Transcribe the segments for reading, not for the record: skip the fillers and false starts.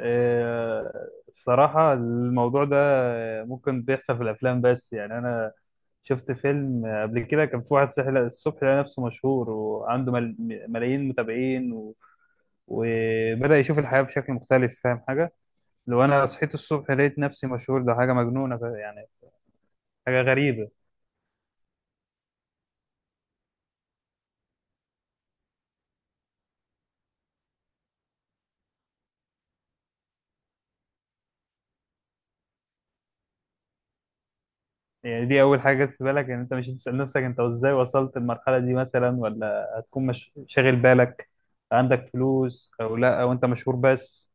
الصراحة الموضوع ده ممكن بيحصل في الأفلام، بس يعني أنا شفت فيلم قبل كده كان في واحد صحي الصبح لقى نفسه مشهور وعنده ملايين متابعين وبدأ يشوف الحياة بشكل مختلف. فاهم حاجة؟ لو أنا صحيت الصبح لقيت نفسي مشهور ده حاجة مجنونة، يعني حاجة غريبة. يعني دي أول حاجة جت في بالك، إن أنت مش هتسأل نفسك أنت إزاي وصلت المرحلة دي مثلا، ولا هتكون مش... شاغل بالك عندك فلوس أو لا، أو أنت مشهور بس؟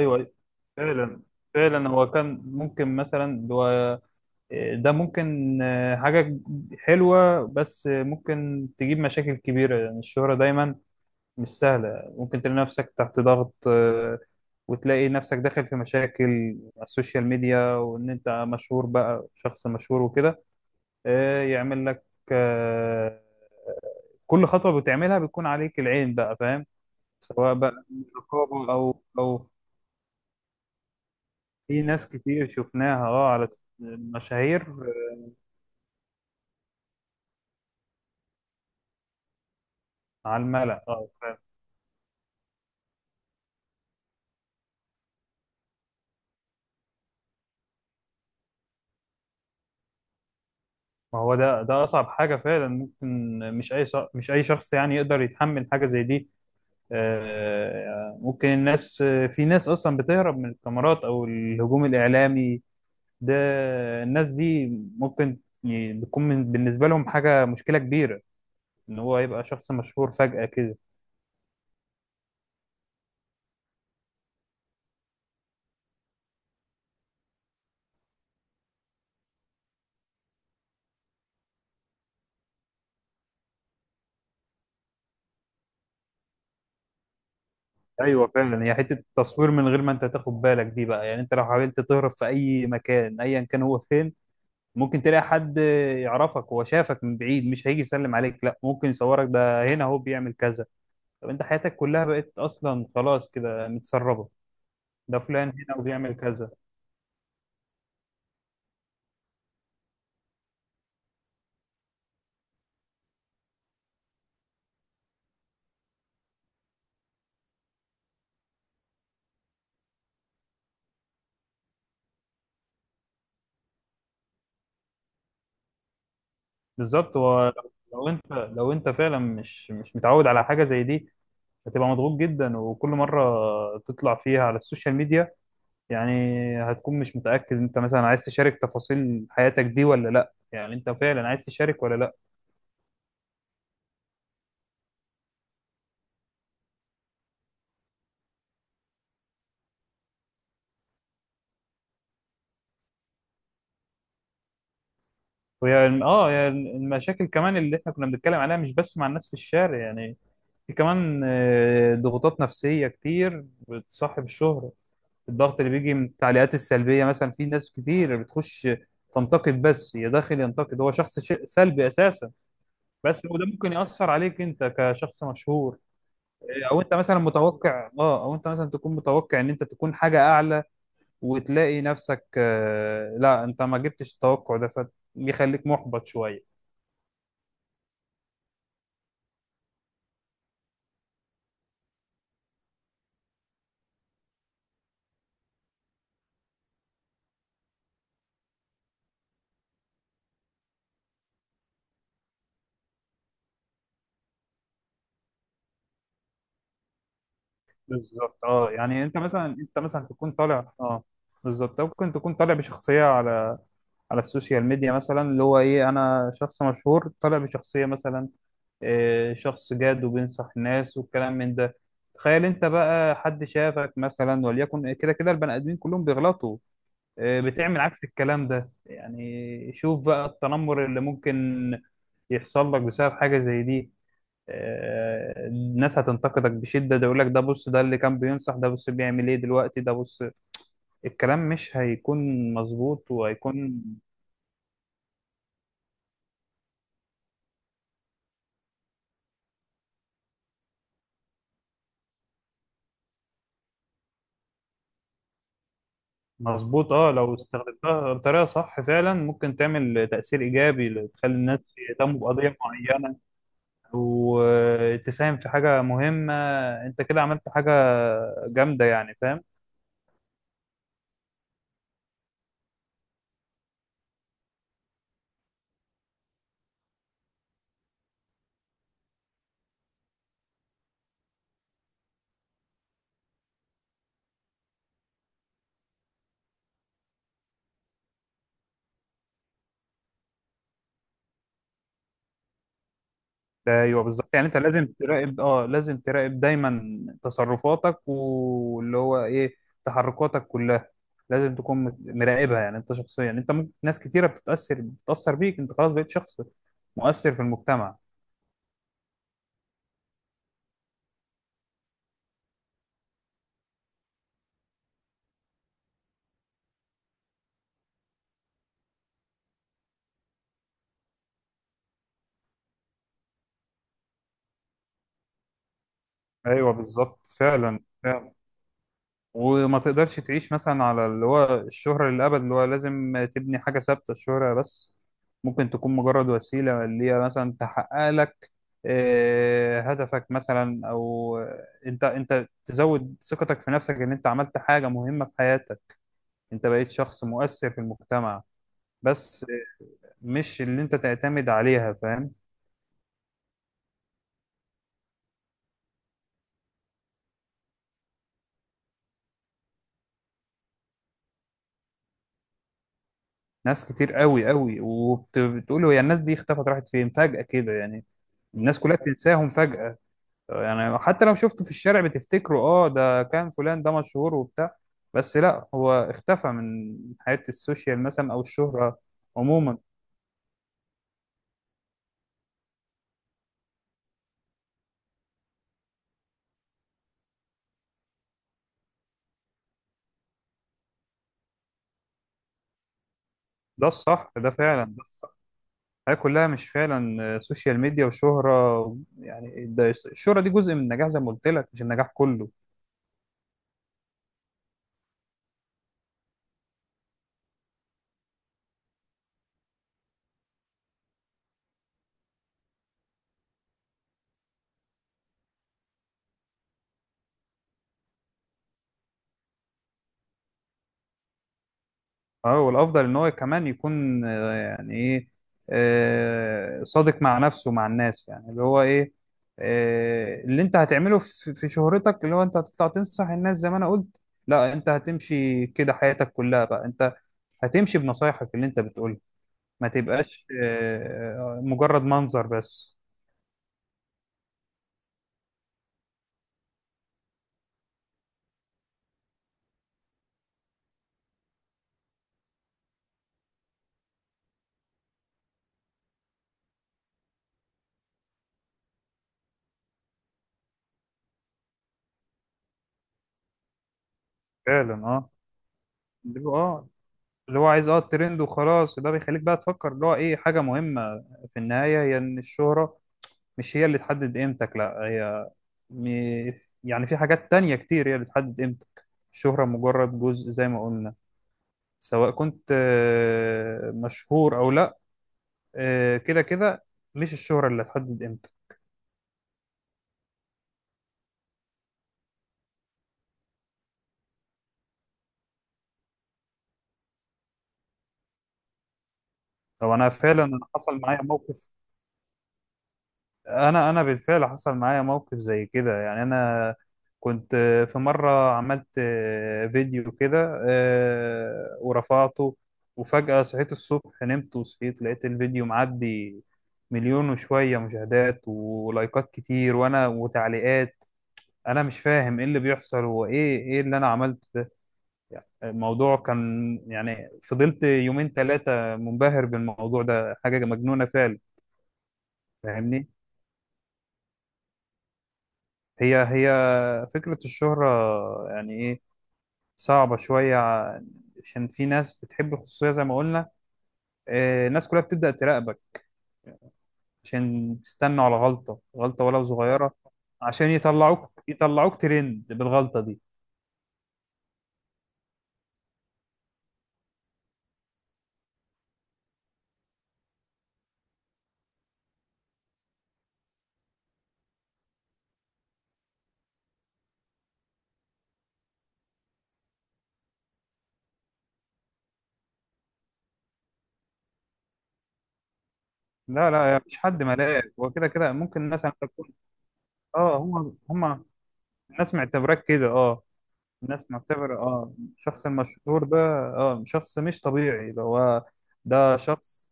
ايوه، أيوة. فعلا، فعلا هو كان ممكن مثلا، هو ده ممكن حاجة حلوة، بس ممكن تجيب مشاكل كبيرة. يعني الشهرة دايما مش سهلة، ممكن تلاقي نفسك تحت ضغط، وتلاقي نفسك داخل في مشاكل على السوشيال ميديا، وإن أنت مشهور بقى شخص مشهور وكده يعمل لك، آه، كل خطوة بتعملها بتكون عليك العين بقى. فاهم؟ سواء بقى رقابة أو في ناس كتير شفناها على مشاهير على الملأ. اه، فاهم. ما هو ده اصعب حاجه فعلا ممكن. مش اي شخص يعني يقدر يتحمل حاجه زي دي. ممكن الناس، في ناس اصلا بتهرب من الكاميرات او الهجوم الاعلامي ده. الناس دي ممكن بتكون بالنسبه لهم حاجه مشكله كبيره ان هو يبقى شخص مشهور فجاه كده. ايوه، فعلا. هي حته التصوير من غير ما انت تاخد بالك دي بقى، يعني انت لو حاولت تهرب في اي مكان ايا كان هو فين، ممكن تلاقي حد يعرفك، هو شافك من بعيد مش هيجي يسلم عليك، لا ممكن يصورك. ده هنا هو بيعمل كذا، طب انت حياتك كلها بقت اصلا خلاص كده متسربه، ده فلان هنا وبيعمل كذا. بالظبط. هو لو انت فعلا مش متعود على حاجه زي دي، هتبقى مضغوط جدا. وكل مره تطلع فيها على السوشيال ميديا يعني هتكون مش متاكد انت مثلا عايز تشارك تفاصيل حياتك دي ولا لا، يعني انت فعلا عايز تشارك ولا لا. وهي الم- اه هي المشاكل كمان اللي احنا كنا بنتكلم عليها مش بس مع الناس في الشارع يعني، في كمان ضغوطات نفسية كتير بتصاحب الشهرة. الضغط اللي بيجي من التعليقات السلبية مثلا، في ناس كتير بتخش تنتقد بس، يا داخل ينتقد هو شخص سلبي أساسا بس، وده ممكن يأثر عليك أنت كشخص مشهور. أو أنت مثلا تكون متوقع إن أنت تكون حاجة أعلى، وتلاقي نفسك لا أنت ما جبتش التوقع ده فبيخليك محبط شوية. بالظبط، اه. يعني انت مثلا تكون طالع بالظبط، ممكن تكون طالع بشخصيه على السوشيال ميديا مثلا، اللي هو ايه انا شخص مشهور طالع بشخصيه مثلا إيه، شخص جاد وبينصح الناس والكلام من ده. تخيل انت بقى حد شافك مثلا، وليكن كده كده البني ادمين كلهم بيغلطوا إيه، بتعمل عكس الكلام ده. يعني شوف بقى التنمر اللي ممكن يحصل لك بسبب حاجه زي دي. الناس هتنتقدك بشدة، ده يقول لك ده بص، ده اللي كان بينصح، ده بص بيعمل ايه دلوقتي، ده بص الكلام مش هيكون مظبوط وهيكون مظبوط. اه، لو استخدمتها بطريقة صح فعلا ممكن تعمل تأثير إيجابي، تخلي الناس يهتموا بقضية معينة، وتساهم في حاجة مهمة، انت كده عملت حاجة جامدة يعني. فاهم؟ ايوه بالظبط. يعني انت لازم تراقب دايما تصرفاتك، واللي هو ايه تحركاتك كلها، لازم تكون مراقبها. يعني انت شخصيا، انت ممكن ناس كتيره بتتاثر بيك، انت خلاص بقيت شخص مؤثر في المجتمع. ايوه بالظبط، فعلا فعلا. وما تقدرش تعيش مثلا على اللي هو الشهرة للأبد، اللي هو لازم تبني حاجة ثابتة. الشهرة بس ممكن تكون مجرد وسيلة اللي هي مثلا تحقق لك هدفك مثلا، أو أنت تزود ثقتك في نفسك إن أنت عملت حاجة مهمة في حياتك، أنت بقيت شخص مؤثر في المجتمع. بس مش اللي أنت تعتمد عليها. فاهم؟ ناس كتير قوي قوي. وبتقول هي الناس دي اختفت، راحت فين فجأة كده، يعني؟ الناس كلها بتنساهم فجأة. يعني حتى لو شفته في الشارع بتفتكره، اه ده كان فلان ده مشهور وبتاع، بس لا هو اختفى من حياة السوشيال مثلا او الشهرة عموما. ده الصح ده فعلا. الحياة كلها مش فعلا سوشيال ميديا وشهرة يعني، ده الشهرة دي جزء من النجاح زي ما قلت لك، مش النجاح كله. اه. والافضل ان هو كمان يكون يعني ايه، صادق مع نفسه ومع الناس. يعني اللي هو ايه، اللي انت هتعمله في في شهرتك، اللي هو انت هتطلع تنصح الناس زي ما انا قلت، لا انت هتمشي كده حياتك كلها بقى، انت هتمشي بنصايحك اللي انت بتقولها، ما تبقاش مجرد منظر بس. فعلا، اه، اللي هو اه اللي هو عايز الترند وخلاص. ده بيخليك بقى تفكر اللي هو ايه حاجة مهمة في النهاية، هي ان الشهرة مش هي اللي تحدد قيمتك. لا، هي م... يعني في حاجات تانية كتير هي اللي بتحدد قيمتك، الشهرة مجرد جزء زي ما قلنا. سواء كنت مشهور أو لأ، كده كده مش الشهرة اللي هتحدد قيمتك. لو أنا فعلا، أنا حصل معايا موقف، انا بالفعل حصل معايا موقف زي كده يعني. انا كنت في مره عملت فيديو كده، ورفعته. وفجاه صحيت الصبح، نمت وصحيت لقيت الفيديو معدي مليون وشويه مشاهدات ولايكات كتير، وانا وتعليقات، انا مش فاهم ايه اللي بيحصل، هو ايه، ايه اللي انا عملته ده؟ يعني الموضوع كان، يعني فضلت يومين ثلاثه منبهر بالموضوع ده، حاجه مجنونه فعلا. فاهمني؟ هي فكرة الشهرة يعني إيه، صعبة شوية، عشان في ناس بتحب الخصوصية زي ما قلنا. الناس كلها بتبدأ تراقبك، عشان تستنوا على غلطة، غلطة ولو صغيرة، عشان يطلعوك ترند بالغلطة دي. لا لا، يا مفيش حد ملاك، وكده كده كده ممكن الناس عم تكون. اه، هم الناس معتبراك كده، اه. الناس معتبرة اه الشخص المشهور ده، اه شخص مش طبيعي ده، هو ده شخص.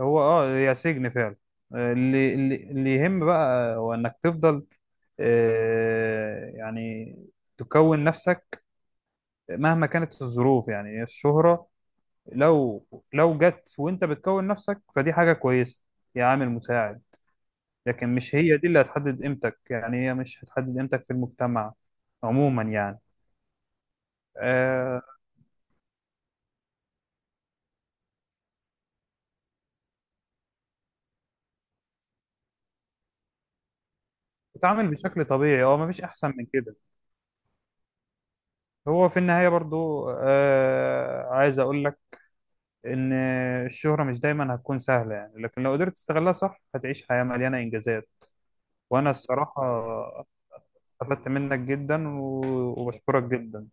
هو اه، يا سجن فعلا. اللي يهم بقى هو انك تفضل، يعني تكون نفسك مهما كانت الظروف. يعني الشهرة، لو لو جت وانت بتكون نفسك فدي حاجة كويسة، يا عامل مساعد. لكن مش هي دي اللي هتحدد قيمتك، يعني هي مش هتحدد قيمتك في المجتمع عموما يعني. آه، تتعامل بشكل طبيعي، اه، مفيش احسن من كده. هو في النهاية برضو عايز اقول لك ان الشهرة مش دايما هتكون سهلة يعني، لكن لو قدرت تستغلها صح هتعيش حياة مليانة انجازات. وانا الصراحة استفدت منك جدا، وبشكرك جدا.